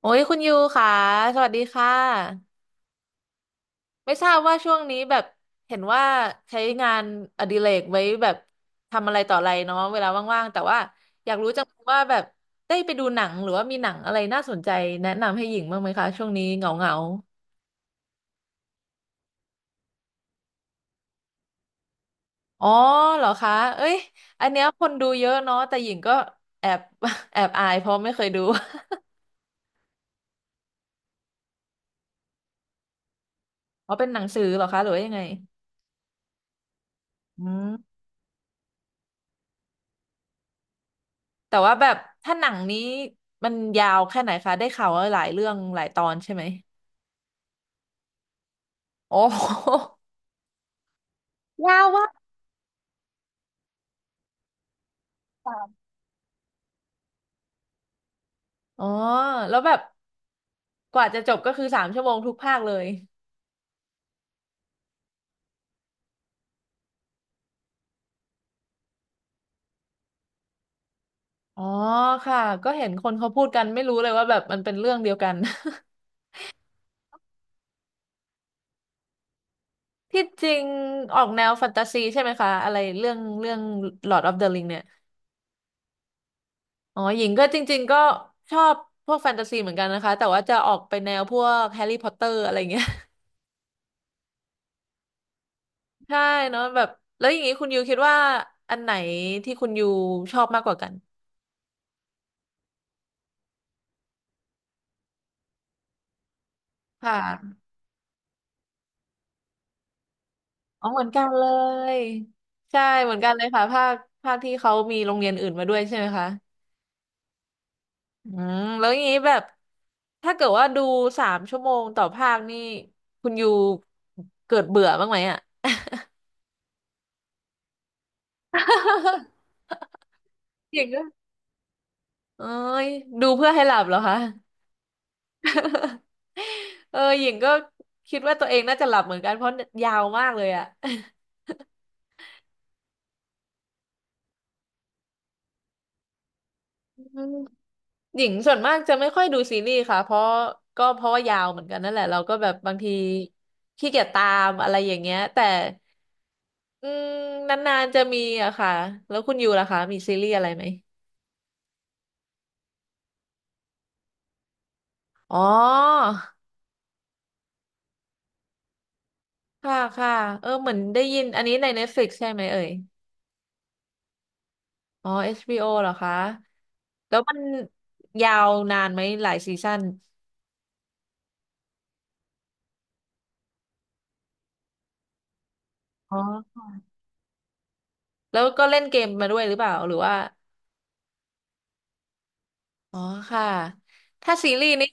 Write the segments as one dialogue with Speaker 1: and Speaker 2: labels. Speaker 1: โอ้ยคุณยูค่ะสวัสดีค่ะไม่ทราบว่าช่วงนี้แบบเห็นว่าใช้งานอดิเรกไว้แบบทำอะไรต่ออะไรเนาะเวลาว่างๆแต่ว่าอยากรู้จังว่าแบบได้ไปดูหนังหรือว่ามีหนังอะไรน่าสนใจแนะนำให้หญิงบ้างไหมคะช่วงนี้เหงาๆอ๋อเหรอคะเอ้ยอันเนี้ยคนดูเยอะเนาะแต่หญิงก็แอบ แอบอายเพราะไม่เคยดู อ๋อเป็นหนังสือเหรอคะหรือว่ายังไงอืม แต่ว่าแบบถ้าหนังนี้มันยาวแค่ไหนคะได้ข่าวว่าหลายเรื่องหลายตอนใช่ไหมโอ้โหยาวมากค่อ๋อแล้วแบบกว่าจะจบก็คือสามชั่วโมงทุกภาคเลยอ๋อค่ะก็เห็นคนเขาพูดกันไม่รู้เลยว่าแบบมันเป็นเรื่องเดียวกัน ที่จริงออกแนวแฟนตาซีใช่ไหมคะอะไรเรื่องเรื่อง Lord of the Ring เนี่ยอ๋อหญิงก็จริงๆก็ชอบพวกแฟนตาซีเหมือนกันนะคะแต่ว่าจะออกไปแนวพวกแฮร์รี่พอตเตอร์อะไรเงี้ย ใช่เนาะแบบแล้วอย่างนี้คุณยูคิดว่าอันไหนที่คุณยูชอบมากกว่ากันค่ะอ๋อเหมือนกันเลยใช่เหมือนกันเลยค่ะภาคภาคที่เขามีโรงเรียนอื่นมาด้วยใช่ไหมคะอืมแล้วอย่างนี้แบบถ้าเกิดว่าดูสามชั่วโมงต่อภาคนี่คุณยูเกิดเบื่อบ้างไหมอ่ะ หญิงก็เอ้ยดูเพื่อให้หลับเหรอคะ เออหญิงก็คิดว่าตัวเองน่าจะหลับเหมือนกันเพราะยาวมากเลยอ่ะอืม หญิงส่วนมากจะไม่ค่อยดูซีรีส์ค่ะเพราะก็เพราะว่ายาวเหมือนกันนั่นแหละเราก็แบบบางทีขี้เกียจตามอะไรอย่างเงี้ยแต่อืมนานๆจะมีอะค่ะแล้วคุณยูล่ะคะมีซีรีส์อะไรไหมอ๋อค่ะค่ะเออเหมือนได้ยินอันนี้ใน Netflix ใช่ไหมเอ่ยอ๋อ HBO เหรอคะแล้วมันยาวนานไหมหลายซีซั่นอ๋อแล้วก็เล่นเกมมาด้วยหรือเปล่าหรือว่าอ๋อค่ะถ้าซีรีส์นี่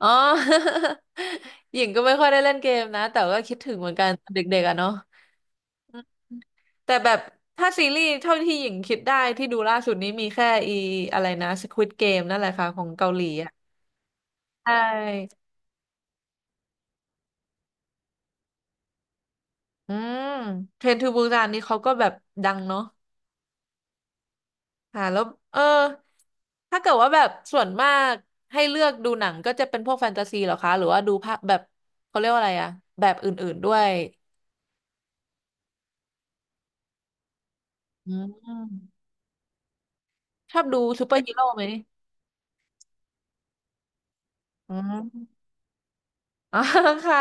Speaker 1: อ๋อ หญิงก็ไม่ค่อยได้เล่นเกมนะ แต่ก็คิดถึงเหมือนกันเด็กๆอะเนาะอืมแต่แบบถ้าซีรีส์เท่าที่หญิงคิดได้ที่ดูล่าสุดนี้มีแค่อีอะไรนะ Squid Game นั่นแหละค่ะของเกาหลีอ่ะใช่อืมเทรนทูบูซานนี่เขาก็แบบดังเนาะค่ะแล้วเออถ้าเกิดว่าแบบส่วนมากให้เลือกดูหนังก็จะเป็นพวกแฟนตาซีเหรอคะหรือว่าดูภาพแบบเขาเรียกว่าอะไรอะแบบอื่นๆด้วยอืมชอบดูซูเปอร์ฮีโร่ไหม อืม อ๋อ ค่ะ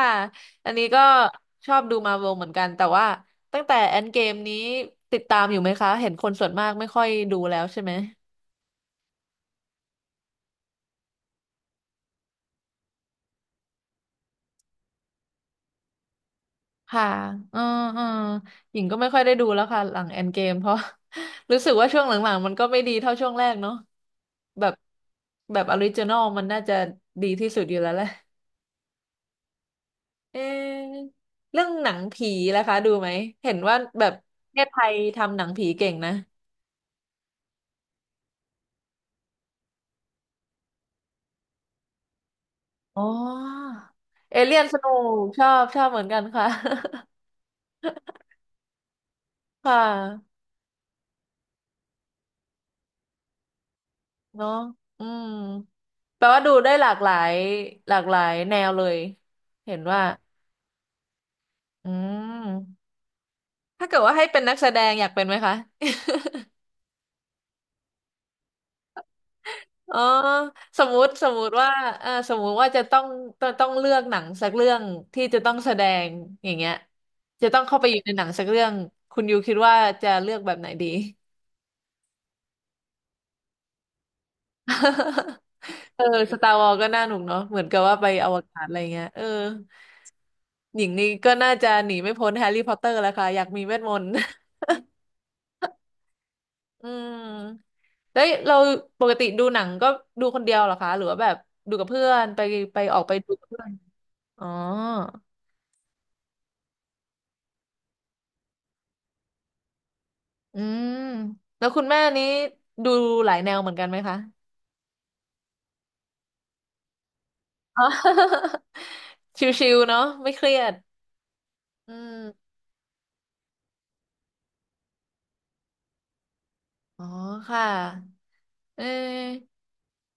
Speaker 1: อันนี้ก็ชอบดูมาร์วเหมือนกันแต่ว่าตั้งแต่แอนเกมนี้ติดตามอยู่ไหมคะเห็นคนส่วนมากไม่ค่อยดูแล้วใช่ไหมค่ะอืออือหญิงก็ไม่ค่อยได้ดูแล้วค่ะหลังแอนเกมเพราะ รู้สึกว่าช่วงหลังๆมันก็ไม่ดีเท่าช่วงแรกเนาะแบบแบบออริจินอลมันน่าจะดีที่สุดอยู่แล้วแหละเอะเรื่องหนังผีนะคะดูไหมเห็นว่าแบบประเทศไทยทำหนังผีเก่งนะ อ๋อเอเลี่ยนสนุกชอบชอบเหมือนกันค่ะ ค่ะเนาะอืมแปลว่าดูได้หลากหลายหลากหลายแนวเลยเห็นว่าอืมถ้าเกิดว่าให้เป็นนักแสดงอยากเป็นไหมคะ อ๋อสมมุติสมมุติว่าเออสมมุติว่าจะต้องต้องต้องเลือกหนังสักเรื่องที่จะต้องแสดงอย่างเงี้ยจะต้องเข้าไปอยู่ในหนังสักเรื่องคุณยูคิดว่าจะเลือกแบบไหนดี เออสตาร์วอลก็น่าหนุกเนาะเหมือนกับว่าไปอวกาศอะไรเงี้ยเออหญิงนี่ก็น่าจะหนีไม่พ้นแฮร์รี่พอตเตอร์แล้วค่ะอยากมีเวทมนต์ อืมแล้วเราปกติดูหนังก็ดูคนเดียวเหรอคะหรือว่าแบบดูกับเพื่อนไปไปออกไปดูกับเพื่อนอ๋ออืมแล้วคุณแม่นี้ดูหลายแนวเหมือนกันไหมคะอ๋อ ชิวๆเนาะไม่เครียดอืมอ๋อค่ะ เออ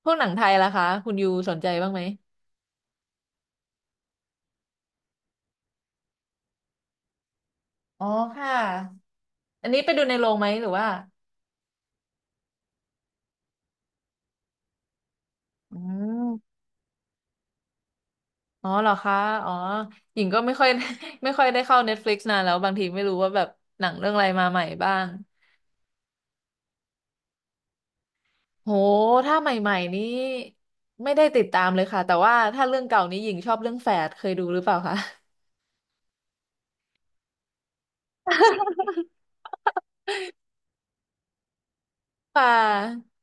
Speaker 1: พวกหนังไทยล่ะคะคุณยูสนใจบ้างไหมอ๋อค่ะอันนี้ไปดูในโรงไหมหรือว่าอืมอ๋อเหรอคะอ๋อหญิงก็ไม่ค่อย ไม่ค่อยได้เข้า Netflix นานแล้วบางทีไม่รู้ว่าแบบหนังเรื่องอะไรมาใหม่บ้างโหถ้าใหม่ๆนี้ไม่ได้ติดตามเลยค่ะแต่ว่าถ้าเรื่องเก่านี้หญิงชอบเรื่องแฝดเคยดูหรือเปล่าคะ ค่ะ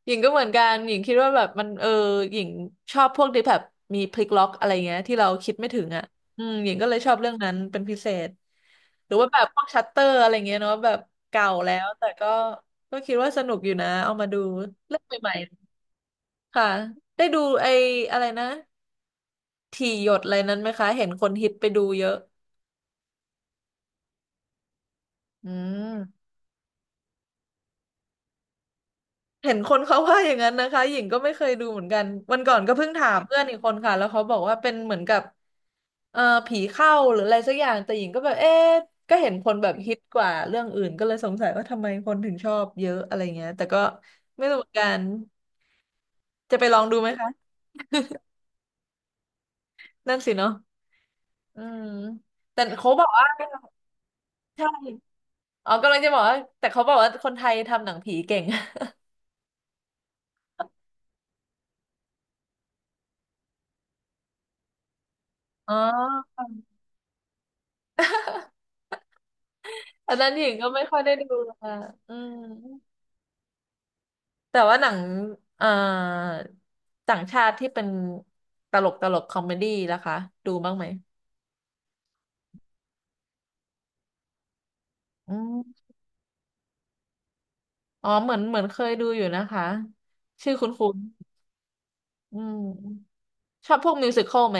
Speaker 1: หญิงก็เหมือนกันหญิงคิดว่าแบบมันหญิงชอบพวกที่แบบมีพลิกล็อกอะไรเงี้ยที่เราคิดไม่ถึงอ่ะอืมหญิงก็เลยชอบเรื่องนั้นเป็นพิเศษ หรือว่าแบบพวกชัตเตอร์อะไรเงี้ยเนาะแบบเก่าแล้วแต่ก็คิดว่าสนุกอยู่นะเอามาดูเรื่องใหม่ๆค่ะได้ดูไอ้อะไรนะถี่หยดอะไรนั้นไหมคะเห็นคนฮิตไปดูเยอะอืม เห็นคนเขาว่าอย่างนั้นนะคะหญิงก็ไม่เคยดูเหมือนกัน วันก่อนก็เพิ่งถามเพื่อนอีกคนค่ะ แล้วเขาบอกว่าเป็นเหมือนกับเอ่อผีเข้าหรืออะไรสักอย่าง แต่หญิงก็แบบเอ๊ะก็เห็นคนแบบฮิตกว่าเรื่องอื่นก็เลยสงสัยว่าทำไมคนถึงชอบเยอะอะไรเงี้ยแต่ก็ไม่รู้เหมือนกัน จะไปลองดูไหมคะนั่นสิเนาะอืมแต่เขาบอกว่าใช่อ๋อกำลังจะบอกว่าแต่เขาบอกว่าคนไทยทำหนังผีเก่งอ๋อ อันนั้นหญิงก็ไม่ค่อยได้ดูค่ะอืม แต่ว่าหนังเอ่อต่างชาติที่เป็นตลกคอมเมดี้ล่ะคะดูบ้างไหมอืมอ๋อเหมือนเคยดูอยู่นะคะชื่อคุณอืมชอบพวกมิวสิคอลไหม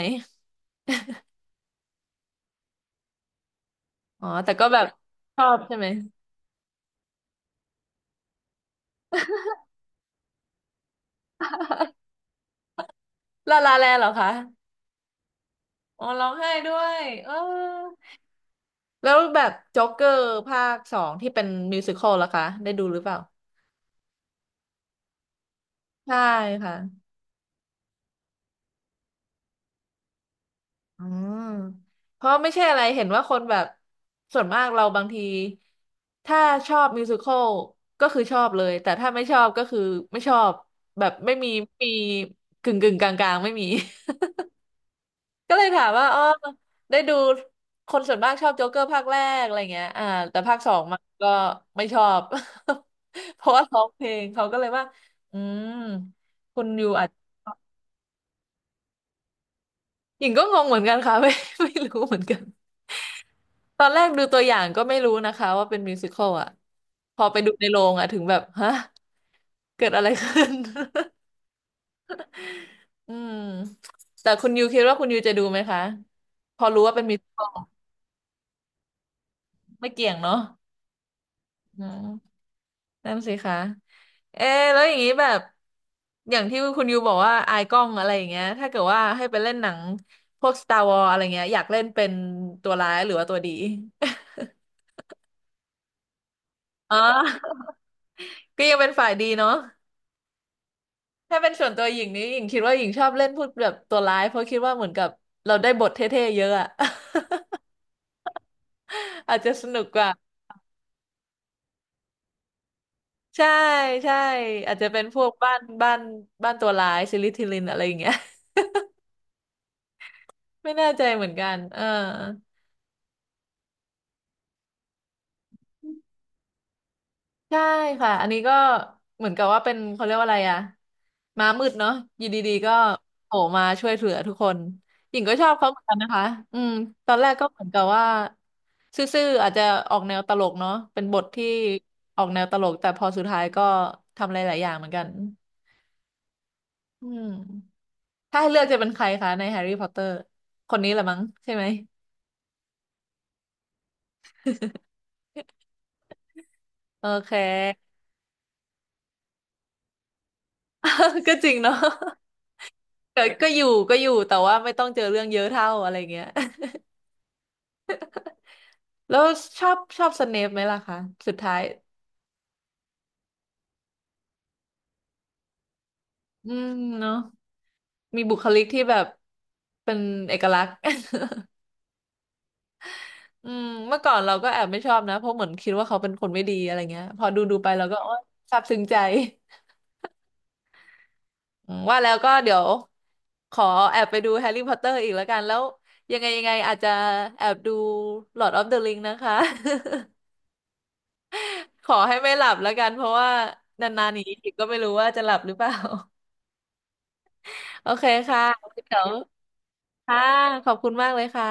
Speaker 1: อ๋อแต่ก็แบบชอบใช่ไหม ลาลาแลนด์เหรอคะอ๋อร้องไห้ด้วยเออแล้วแบบจ็อกเกอร์ภาคสองที่เป็นมิวสิคอลล่ะคะได้ดูหรือเปล่าใช่ค่ะ อืมเพราะไม่ใช่อะไรเห็นว่าคนแบบส่วนมากเราบางทีถ้าชอบมิวสิควลก็คือชอบเลยแต่ถ้าไม่ชอบก็คือไม่ชอบแบบไม่มีมีกึ่งกึ่งกลางกลางๆไม่มี ก็เลยถามว่าอ๋อได้ดูคนส่วนมากชอบโจ๊กเกอร์ภาคแรกอะไรเงี้ยอ่าแต่ภาคสองมันก็ไม่ชอบ เพราะว่าร้องเพลงเขาก็เลยว่าอืมคุณยูอาจหญิงก็งงเหมือนกันค่ะ ไม่ไม่รู้เหมือนกัน ตอนแรกดูตัวอย่างก็ไม่รู้นะคะว่าเป็นมิวสิคอลอ่ะพอไปดูในโรงอ่ะถึงแบบฮะเกิดอะไรขึ้น อืมแต่คุณยูคิดว่าคุณยูจะดูไหมคะพอรู้ว่าเป็นมิวสิคอลไม่เกี่ยงเนาะอืมนั่นสิคะเอะแล้วอย่างนี้แบบอย่างที่คุณยูบอกว่าอายกล้องอะไรอย่างเงี้ยถ้าเกิดว่าให้ไปเล่นหนังพวก Star Wars อะไรเงี้ยอยากเล่นเป็นตัวร้ายหรือว่าตัวดี อ๋อก็ยังเป็นฝ่ายดีเนาะ ถ้าเป็นส่วนตัวหญิงนี้หญิงคิดว่าหญิงชอบเล่นพูดแบบตัวร้ายเพราะคิดว่าเหมือนกับเราได้บทเท่ๆเยอะอะ อาจจะสนุกกว่าใช่ใช่อาจจะเป็นพวกบ้านบ้านตัวร้ายซิลิทิลินอะไรอย่างเงี้ย ไม่แน่ใจเหมือนกันเออ ใช่ค่ะอันนี้ก็เหมือนกับว่าเป็นเขาเรียกว่าอะไรอะม้ามืดเนาะอยู่ดีๆก็โผล่มาช่วยเหลือทุกคนหญิงก็ชอบเขาเหมือนกันนะคะอืมตอนแรกก็เหมือนกับว่าซื่อๆอาจจะออกแนวตลกเนาะเป็นบทที่ออกแนวตลกแต่พอสุดท้ายก็ทำหลายๆอย่างเหมือนกันอืมถ้าให้เลือกจะเป็นใครคะในแฮร์รี่พอตเตอร์คนนี้แหละมั้งใช่ไหม โอเค ก็จริงเนาะ ก็ก็อยู่แต่ว่าไม่ต้องเจอเรื่องเยอะเท่าอะไรเงี้ย แล้วชอบสเนปไหมล่ะคะสุดท้ายอืมเนาะมีบุคลิกที่แบบเป็นเอกลักษณ์ อืมเมื่อก่อนเราก็แอบไม่ชอบนะเพราะเหมือนคิดว่าเขาเป็นคนไม่ดีอะไรเงี้ยพอดูไปเราก็โอ๊ยซาบซึ้งใจอืมว่าแล้วก็เดี๋ยวขอแอบไปดูแฮร์รี่พอตเตอร์อีกแล้วกันแล้วยังไงอาจจะแอบดูลอร์ดออฟเดอะริงนะคะ ขอให้ไม่หลับแล้วกันเพราะว่านานๆนี้อีกก็ไม่รู้ว่าจะหลับหรือเปล่า โอเคค่ะเดี๋ยว ค่ะขอบคุณมากเลยค่ะ